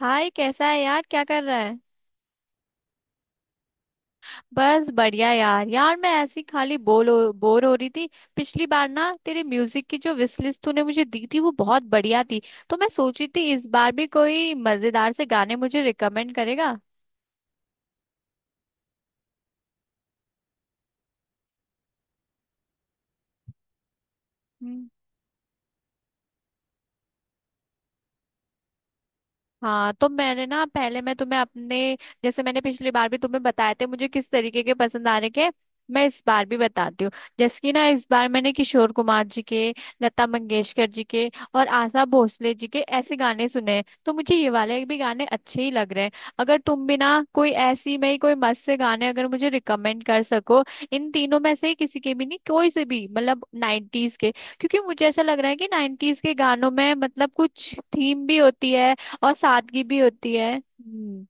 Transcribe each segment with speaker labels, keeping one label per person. Speaker 1: हाय, कैसा है यार? क्या कर रहा है? बस बढ़िया यार यार मैं ऐसी खाली बोर हो रही थी। पिछली बार ना तेरे म्यूजिक की जो विश लिस्ट तूने मुझे दी थी वो बहुत बढ़िया थी। तो मैं सोची थी इस बार भी कोई मजेदार से गाने मुझे रिकमेंड करेगा। हाँ, तो मैंने ना पहले मैं तुम्हें अपने, जैसे मैंने पिछली बार भी तुम्हें बताए थे मुझे किस तरीके के पसंद आ रहे के, मैं इस बार भी बताती हूँ। जैसे कि ना इस बार मैंने किशोर कुमार जी के, लता मंगेशकर जी के, और आशा भोसले जी के ऐसे गाने सुने हैं, तो मुझे ये वाले भी गाने अच्छे ही लग रहे हैं। अगर तुम भी ना कोई ऐसी में ही कोई मस्त से गाने अगर मुझे रिकमेंड कर सको, इन तीनों में से किसी के भी, नहीं कोई से भी मतलब नाइन्टीज के। क्योंकि मुझे ऐसा लग रहा है कि नाइन्टीज के गानों में मतलब कुछ थीम भी होती है और सादगी भी होती है। हम्म।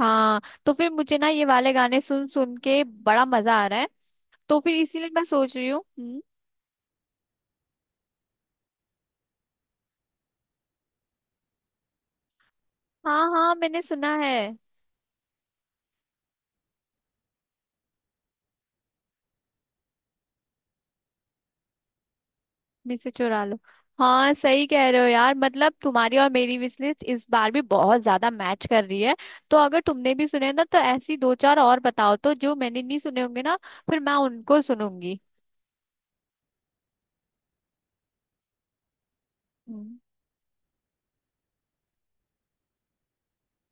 Speaker 1: हाँ, तो फिर मुझे ना ये वाले गाने सुन सुन के बड़ा मजा आ रहा है। तो फिर इसीलिए मैं सोच रही हूँ। हम्म। हाँ हाँ, मैंने सुना है। मिसे चुरा लो। हाँ सही कह रहे हो यार, मतलब तुम्हारी और मेरी विश लिस्ट इस बार भी बहुत ज्यादा मैच कर रही है। तो अगर तुमने भी सुने ना तो ऐसी दो चार और बताओ तो, जो मैंने नहीं सुने होंगे ना, फिर मैं उनको सुनूंगी। हम्म।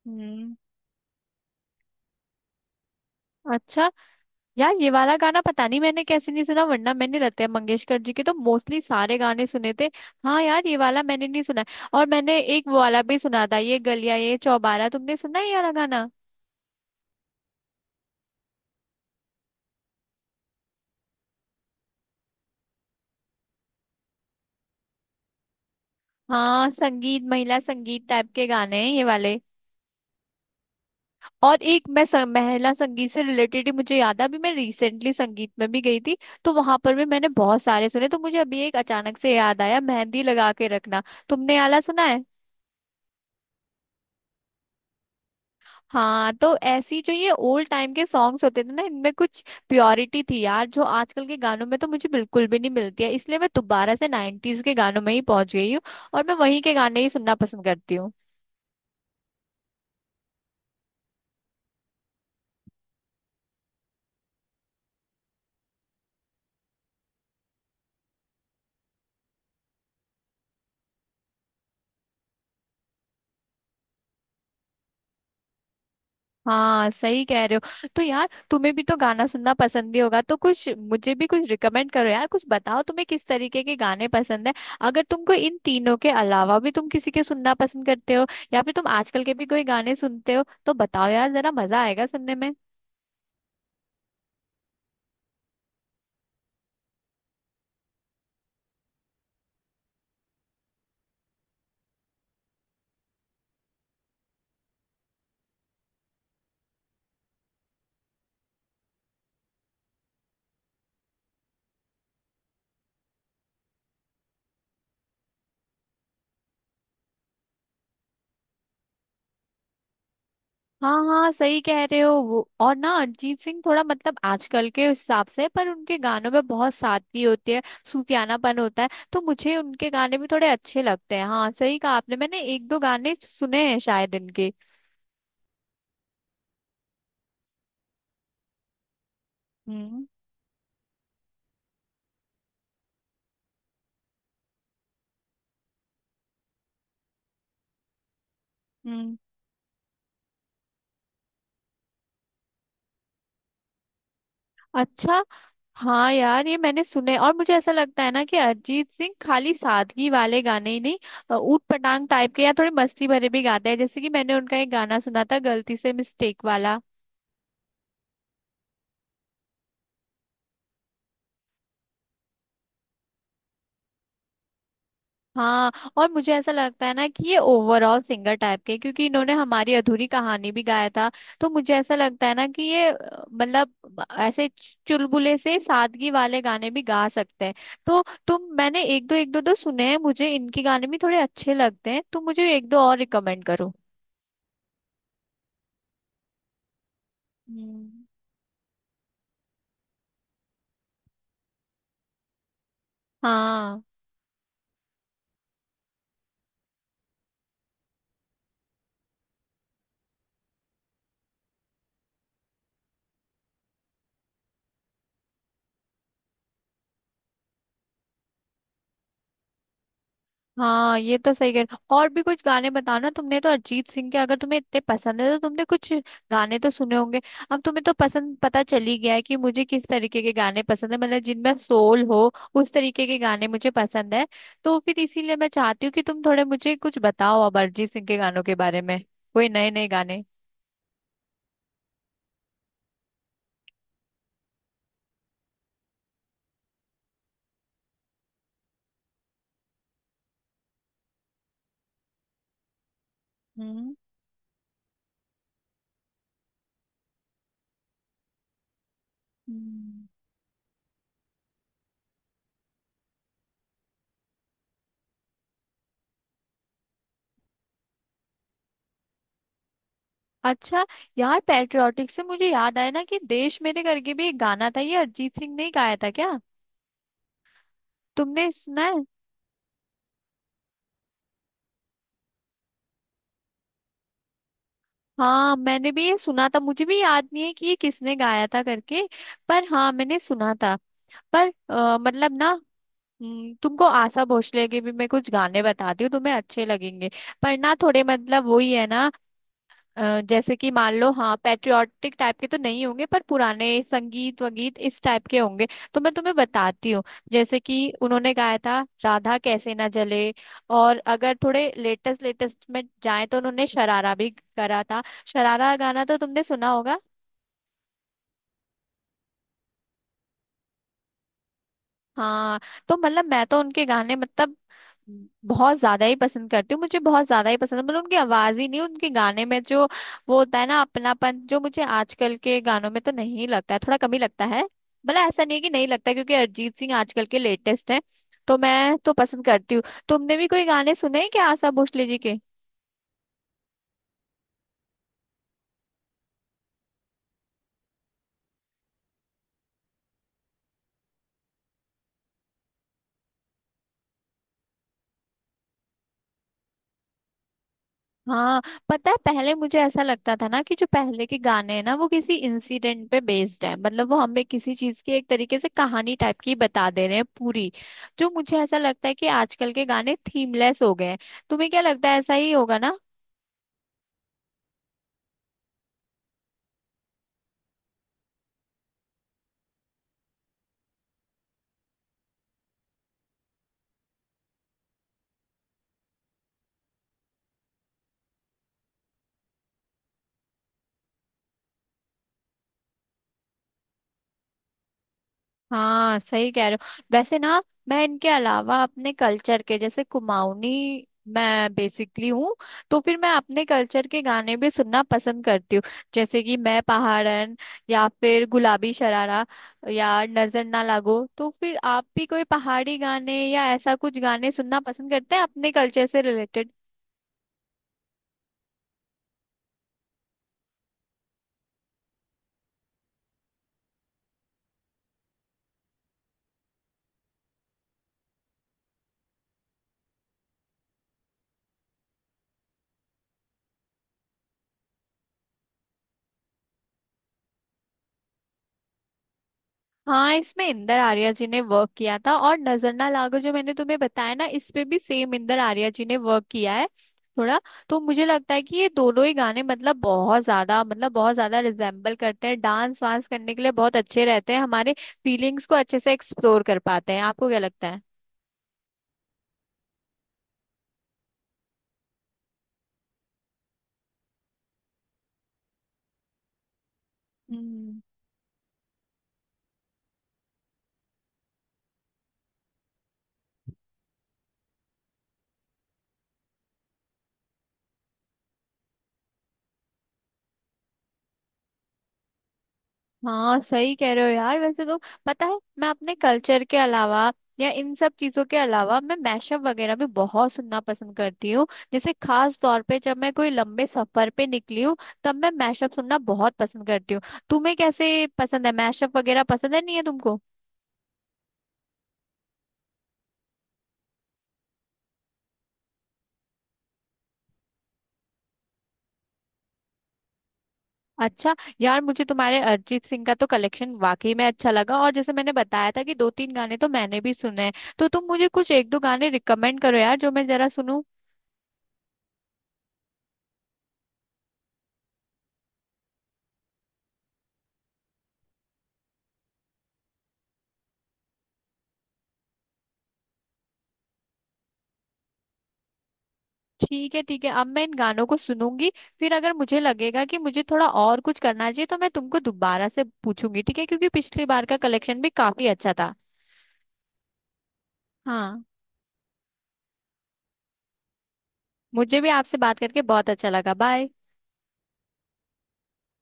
Speaker 1: हम्म। अच्छा। यार ये वाला गाना पता नहीं मैंने कैसे नहीं सुना, वरना मैंने लता मंगेशकर जी के तो मोस्टली सारे गाने सुने थे। हाँ यार, ये वाला मैंने नहीं सुना। और मैंने एक वो वाला भी सुना था, ये गलियां ये चौबारा। तुमने सुना है ये वाला गाना? हाँ, संगीत महिला संगीत टाइप के गाने हैं ये वाले। और एक मैं महिला संगीत से रिलेटेड ही मुझे याद है, अभी मैं रिसेंटली संगीत में भी गई थी। तो वहां पर भी मैंने बहुत सारे सुने, तो मुझे अभी एक अचानक से याद आया, मेहंदी लगा के रखना। तुमने ये वाला सुना है? हाँ, तो ऐसी जो ये ओल्ड टाइम के सॉन्ग्स होते थे ना, इनमें कुछ प्योरिटी थी यार, जो आजकल के गानों में तो मुझे बिल्कुल भी नहीं मिलती है, इसलिए मैं दोबारा से नाइन्टीज के गानों में ही पहुंच गई हूँ। और मैं वहीं के गाने ही सुनना पसंद करती हूँ। हाँ सही कह रहे हो। तो यार तुम्हें भी तो गाना सुनना पसंद ही होगा, तो कुछ मुझे भी कुछ रिकमेंड करो यार, कुछ बताओ तुम्हें किस तरीके के गाने पसंद है। अगर तुमको इन तीनों के अलावा भी तुम किसी के सुनना पसंद करते हो, या फिर तुम आजकल के भी कोई गाने सुनते हो तो बताओ यार, जरा मजा आएगा सुनने में। हाँ हाँ सही कह रहे हो। वो और ना अरिजीत सिंह थोड़ा मतलब आजकल के हिसाब से, पर उनके गानों में बहुत सादगी होती है, सूफियानापन होता है, तो मुझे उनके गाने भी थोड़े अच्छे लगते हैं। हाँ सही कहा आपने, मैंने एक दो गाने सुने हैं शायद इनके। हम्म। हम्म। अच्छा। हाँ यार, ये मैंने सुने। और मुझे ऐसा लगता है ना कि अरिजीत सिंह खाली सादगी वाले गाने ही नहीं, ऊट पटांग टाइप के या थोड़े मस्ती भरे भी गाते हैं, जैसे कि मैंने उनका एक गाना सुना था गलती से मिस्टेक वाला। हाँ। और मुझे ऐसा लगता है ना कि ये ओवरऑल सिंगर टाइप के, क्योंकि इन्होंने हमारी अधूरी कहानी भी गाया था। तो मुझे ऐसा लगता है ना कि ये मतलब ऐसे चुलबुले से सादगी वाले गाने भी गा सकते हैं। तो तुम, मैंने एक दो, एक दो दो सुने हैं, मुझे इनके गाने भी थोड़े अच्छे लगते हैं, तुम मुझे एक दो और रिकमेंड करो। हम्म। हाँ हाँ, ये तो सही कह रहे हो। और भी कुछ गाने बताना, तुमने तो अरिजीत सिंह के अगर तुम्हें इतने पसंद है तो तुमने कुछ गाने तो सुने होंगे। अब तुम्हें तो पसंद पता चल ही गया है कि मुझे किस तरीके के गाने पसंद है, मतलब जिनमें सोल हो उस तरीके के गाने मुझे पसंद है। तो फिर इसीलिए मैं चाहती हूँ कि तुम थोड़े मुझे कुछ बताओ अब अरिजीत सिंह के गानों के बारे में, कोई नए नए गाने। हम्म। हम्म। अच्छा। यार पैट्रियोटिक से मुझे याद आया ना कि देश मेरे करके भी एक गाना था, ये अरिजीत सिंह ने ही गाया था क्या? तुमने सुना है? हाँ मैंने भी ये सुना था, मुझे भी याद नहीं है कि ये किसने गाया था करके, पर हाँ मैंने सुना था। पर मतलब ना, तुमको आशा भोसले के भी मैं कुछ गाने बताती हूँ, तुम्हें अच्छे लगेंगे। पर ना थोड़े मतलब वही है ना, जैसे कि मान लो, हाँ पैट्रियोटिक टाइप के तो नहीं होंगे, पर पुराने संगीत वगीत इस टाइप के होंगे। तो मैं तुम्हें बताती हूँ, जैसे कि उन्होंने गाया था राधा कैसे ना जले, और अगर थोड़े लेटेस्ट लेटेस्ट में जाए तो उन्होंने शरारा भी करा था। शरारा गाना तो तुमने सुना होगा। हाँ, तो मतलब मैं तो उनके गाने मतलब बहुत ज्यादा ही पसंद करती हूँ, मुझे बहुत ज्यादा ही पसंद है। मतलब उनकी आवाज ही नहीं, उनके गाने में जो वो होता है ना अपनापन, जो मुझे आजकल के गानों में तो नहीं लगता है, थोड़ा कम ही लगता है। भला ऐसा नहीं है कि नहीं लगता है, क्योंकि अरिजीत सिंह आजकल के लेटेस्ट है, तो मैं तो पसंद करती हूँ। तुमने भी कोई गाने सुने हैं क्या आशा भोसले जी के? हाँ। पता है, पहले मुझे ऐसा लगता था ना कि जो पहले के गाने हैं ना वो किसी इंसिडेंट पे बेस्ड है, मतलब वो हमें किसी चीज की एक तरीके से कहानी टाइप की बता दे रहे हैं पूरी। जो मुझे ऐसा लगता है कि आजकल के गाने थीमलेस हो गए हैं। तुम्हें क्या लगता है, ऐसा ही होगा ना? हाँ सही कह रहे हो। वैसे ना, मैं इनके अलावा अपने कल्चर के, जैसे कुमाऊनी मैं बेसिकली हूँ, तो फिर मैं अपने कल्चर के गाने भी सुनना पसंद करती हूँ। जैसे कि मैं पहाड़न, या फिर गुलाबी शरारा, या नजर ना लागो। तो फिर आप भी कोई पहाड़ी गाने या ऐसा कुछ गाने सुनना पसंद करते हैं अपने कल्चर से रिलेटेड? हाँ, इसमें इंदर आर्या जी ने वर्क किया था, और नजर ना लागो जो मैंने तुम्हें बताया ना, इस पे भी सेम इंदर आर्या जी ने वर्क किया है थोड़ा। तो मुझे लगता है कि ये दोनों ही गाने मतलब बहुत ज्यादा, मतलब बहुत ज्यादा रिजेम्बल करते हैं, डांस वांस करने के लिए बहुत अच्छे रहते हैं, हमारे फीलिंग्स को अच्छे से एक्सप्लोर कर पाते हैं। आपको क्या लगता है? हाँ सही कह रहे हो यार। वैसे तो, पता है, मैं अपने कल्चर के अलावा या इन सब चीजों के अलावा मैं मैशअप वगैरह भी बहुत सुनना पसंद करती हूँ। जैसे खास तौर पे जब मैं कोई लंबे सफर पे निकली हूँ, तब मैं मैशअप सुनना बहुत पसंद करती हूँ। तुम्हें कैसे पसंद है? मैशअप वगैरह पसंद है, नहीं है तुमको? अच्छा। यार मुझे तुम्हारे अरिजीत सिंह का तो कलेक्शन वाकई में अच्छा लगा, और जैसे मैंने बताया था कि दो तीन गाने तो मैंने भी सुने हैं, तो तुम मुझे कुछ एक दो गाने रिकमेंड करो यार, जो मैं जरा सुनूं। ठीक है ठीक है, अब मैं इन गानों को सुनूंगी। फिर अगर मुझे लगेगा कि मुझे थोड़ा और कुछ करना चाहिए तो मैं तुमको दोबारा से पूछूंगी, ठीक है? क्योंकि पिछली बार का कलेक्शन भी काफी अच्छा था। हाँ, मुझे भी आपसे बात करके बहुत अच्छा लगा। बाय।